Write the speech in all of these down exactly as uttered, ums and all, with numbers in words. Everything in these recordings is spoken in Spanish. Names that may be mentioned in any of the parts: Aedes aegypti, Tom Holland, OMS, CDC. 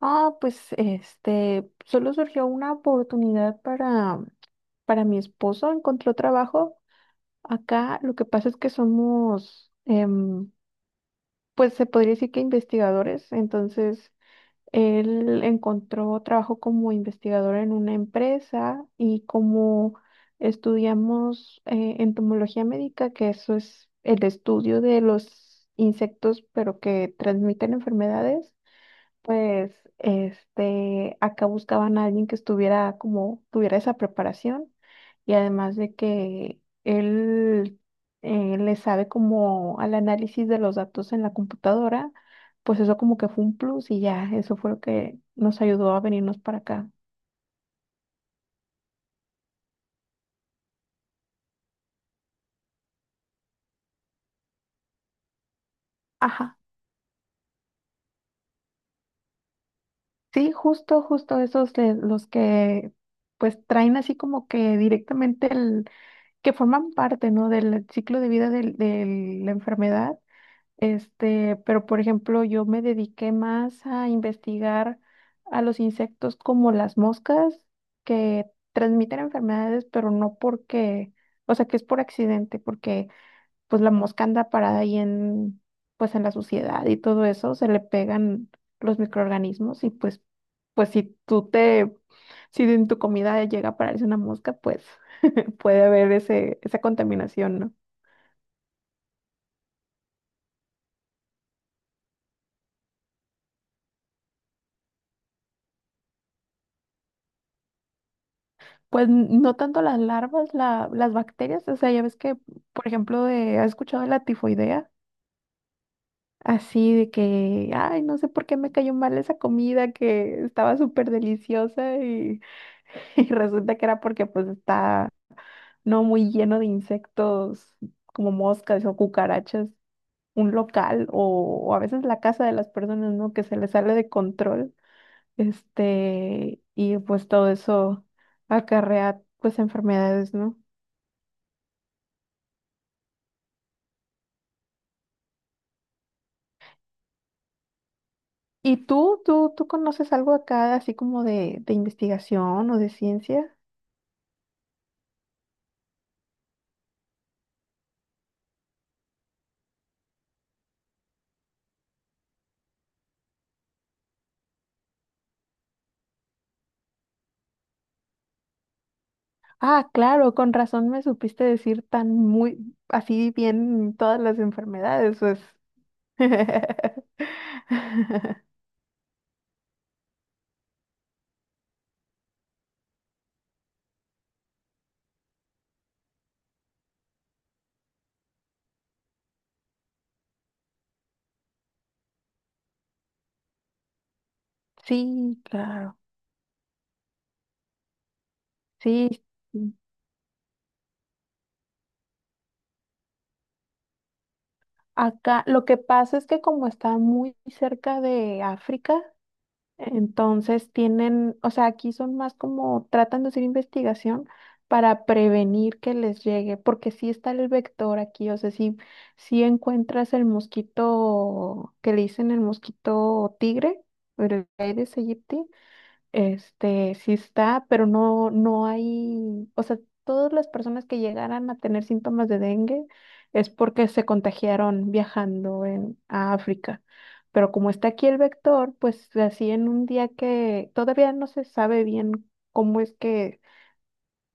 Ah, pues este, solo surgió una oportunidad para, para mi esposo, encontró trabajo. Acá lo que pasa es que somos, em, pues se podría decir que investigadores. Entonces él encontró trabajo como investigador en una empresa, y como estudiamos eh, entomología médica, que eso es el estudio de los insectos, pero que transmiten enfermedades. Pues, este, acá buscaban a alguien que estuviera como, tuviera esa preparación, y además de que él eh, le sabe como al análisis de los datos en la computadora, pues eso como que fue un plus. Y ya, eso fue lo que nos ayudó a venirnos para acá. Ajá, sí, justo, justo esos de los que pues traen así como que directamente el, que forman parte, ¿no? Del ciclo de vida del- de la enfermedad. Este, pero por ejemplo, yo me dediqué más a investigar a los insectos como las moscas que transmiten enfermedades, pero no porque, o sea, que es por accidente, porque pues la mosca anda parada ahí en, pues en la suciedad, y todo eso, se le pegan los microorganismos, y pues, pues si tú te, si en tu comida llega a pararse una mosca, pues puede haber ese, esa contaminación, ¿no? Pues no tanto las larvas, la- las bacterias. O sea, ya ves que, por ejemplo, de, ¿has escuchado de la tifoidea? Así de que, ay, no sé por qué me cayó mal esa comida que estaba súper deliciosa y, y resulta que era porque pues está no muy lleno de insectos como moscas o cucarachas, un local o, o a veces la casa de las personas, ¿no? Que se les sale de control, este, y pues todo eso acarrea pues enfermedades, ¿no? ¿Y tú, tú, tú conoces algo acá así como de, de investigación o de ciencia? Ah, claro, con razón me supiste decir tan muy, así bien todas las enfermedades, pues. Sí, claro, sí. Sí. Acá lo que pasa es que como está muy cerca de África, entonces tienen, o sea, aquí son más como tratan de hacer investigación para prevenir que les llegue, porque sí está el vector aquí. O sea, si, si encuentras el mosquito, que le dicen el mosquito tigre, el Aedes aegypti, este, sí está, pero no, no hay, o sea, todas las personas que llegaran a tener síntomas de dengue es porque se contagiaron viajando en, a África. Pero como está aquí el vector, pues así en un día que todavía no se sabe bien cómo es que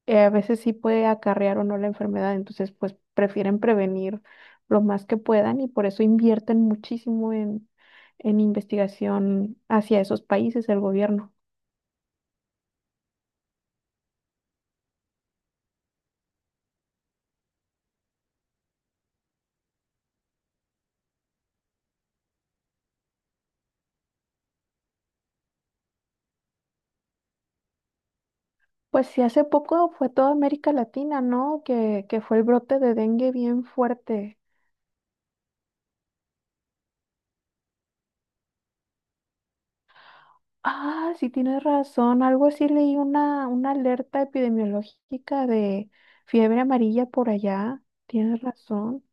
eh, a veces sí puede acarrear o no la enfermedad, entonces pues prefieren prevenir lo más que puedan, y por eso invierten muchísimo en, en investigación hacia esos países, el gobierno. Pues sí, hace poco fue toda América Latina, ¿no? Que, que fue el brote de dengue bien fuerte. Ah, sí tienes razón. Algo así leí una, una alerta epidemiológica de fiebre amarilla por allá. Tienes razón.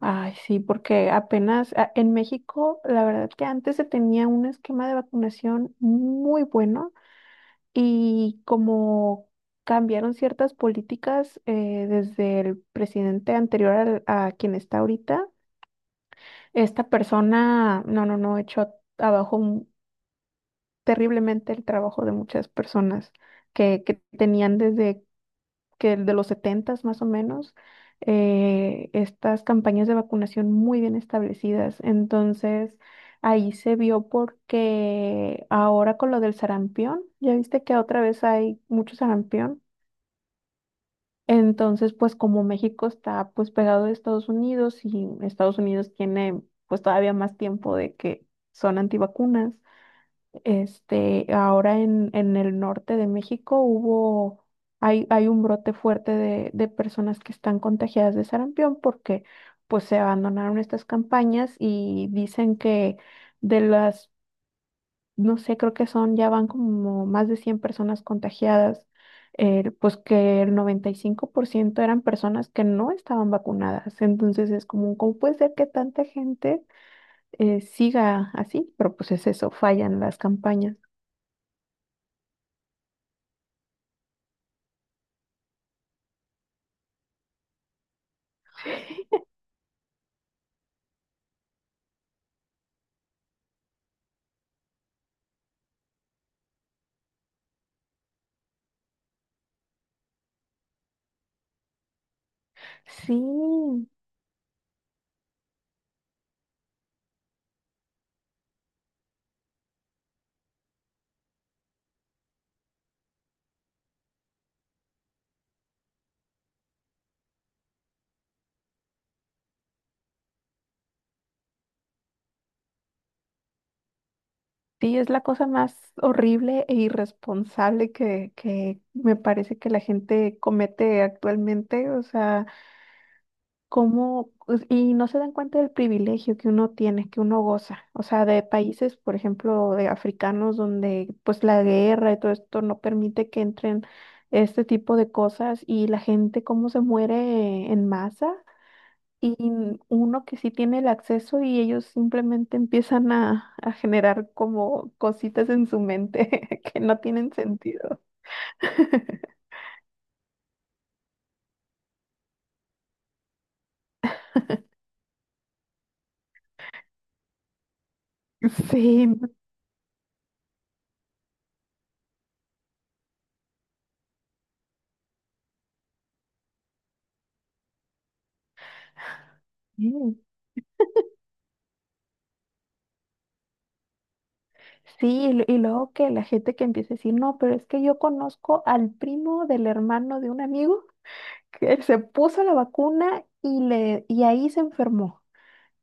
Ay, sí, porque apenas a- en México, la verdad que antes se tenía un esquema de vacunación muy bueno, y como cambiaron ciertas políticas eh, desde el presidente anterior al- a quien está ahorita. Esta persona, no, no, no, echó abajo mu- terriblemente el trabajo de muchas personas que, que tenían desde que el de los setentas más o menos, eh, estas campañas de vacunación muy bien establecidas. Entonces, ahí se vio porque ahora con lo del sarampión, ya viste que otra vez hay mucho sarampión. Entonces, pues como México está pues pegado de Estados Unidos, y Estados Unidos tiene pues todavía más tiempo de que son antivacunas, este, ahora en, en el norte de México hubo, hay, hay un brote fuerte de, de personas que están contagiadas de sarampión, porque pues se abandonaron estas campañas, y dicen que de las, no sé, creo que son, ya van como más de cien personas contagiadas, eh, pues que el noventa y cinco por ciento eran personas que no estaban vacunadas. Entonces es como, ¿cómo puede ser que tanta gente eh, siga así? Pero pues es eso, fallan las campañas. Sí, sí, es la cosa más horrible e irresponsable que, que me parece que la gente comete actualmente. O sea, cómo, pues, y no se dan cuenta del privilegio que uno tiene, que uno goza. O sea, de países, por ejemplo, de africanos, donde pues la guerra y todo esto no permite que entren este tipo de cosas, y la gente cómo se muere en masa. Y uno que sí tiene el acceso, y ellos simplemente empiezan a, a generar como cositas en su mente que no tienen sentido. Sí, no sé. Sí, y, lu- y luego que la gente que empieza a decir, no, pero es que yo conozco al primo del hermano de un amigo que se puso la vacuna, y, le, y ahí se enfermó.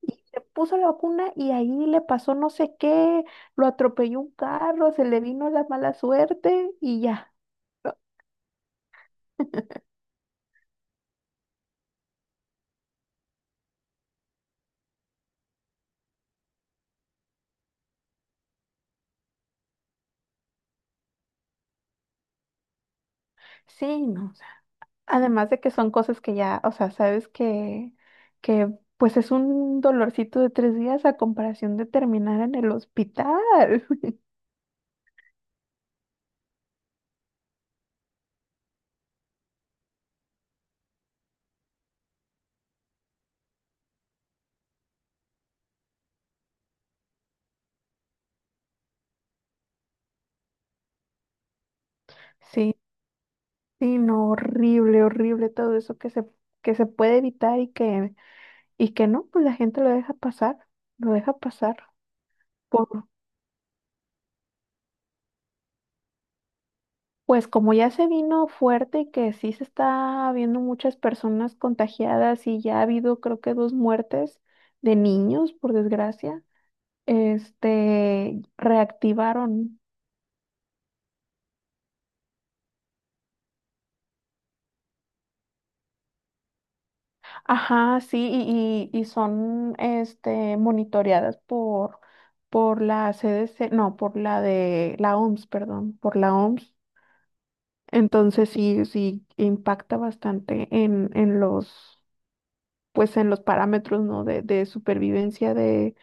Y se puso la vacuna y ahí le pasó no sé qué, lo atropelló un carro, se le vino la mala suerte y ya, ¿no? Sí, no, o sea, además de que son cosas que ya, o sea, sabes que, que pues es un dolorcito de tres días a comparación de terminar en el hospital. Sí. Sí, no, horrible, horrible todo eso que se, que se puede evitar, y que, y que no, pues la gente lo deja pasar, lo deja pasar. Por- pues como ya se vino fuerte, y que sí se está viendo muchas personas contagiadas, y ya ha habido creo que dos muertes de niños, por desgracia, este, reactivaron. Ajá, sí, y, y, y son este, monitoreadas por, por la C D C, no, por la de la O M S, perdón, por la O M S. Entonces sí, sí impacta bastante en, en los, pues en los parámetros, ¿no? De, de supervivencia de,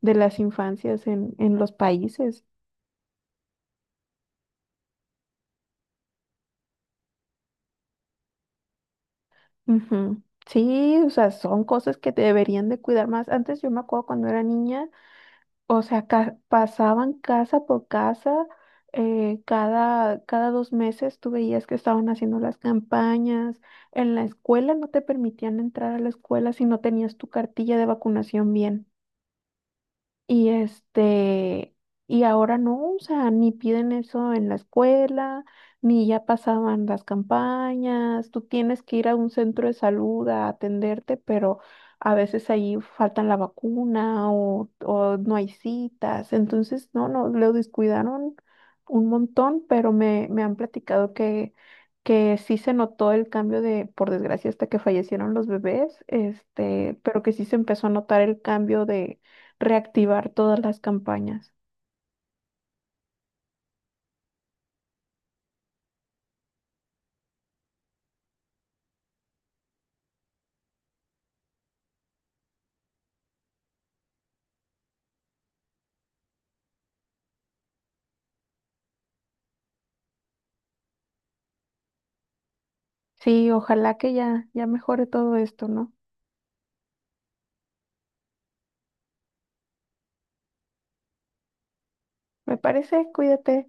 de las infancias en, en los países. Ujú. Sí, o sea, son cosas que deberían de cuidar más. Antes yo me acuerdo cuando era niña. O sea, ca- pasaban casa por casa, eh, cada, cada dos meses tú veías que estaban haciendo las campañas. En la escuela no te permitían entrar a la escuela si no tenías tu cartilla de vacunación bien. Y este, y ahora no, o sea, ni piden eso en la escuela, ni ya pasaban las campañas, tú tienes que ir a un centro de salud a atenderte, pero a veces ahí faltan la vacuna o, o no hay citas. Entonces no, no, lo descuidaron un montón, pero me, me han platicado que, que sí se notó el cambio de, por desgracia, hasta que fallecieron los bebés, este, pero que sí se empezó a notar el cambio, reactivar todas las campañas. Sí, ojalá que ya, ya mejore todo esto, ¿no? Me parece, cuídate.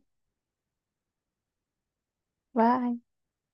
Bye.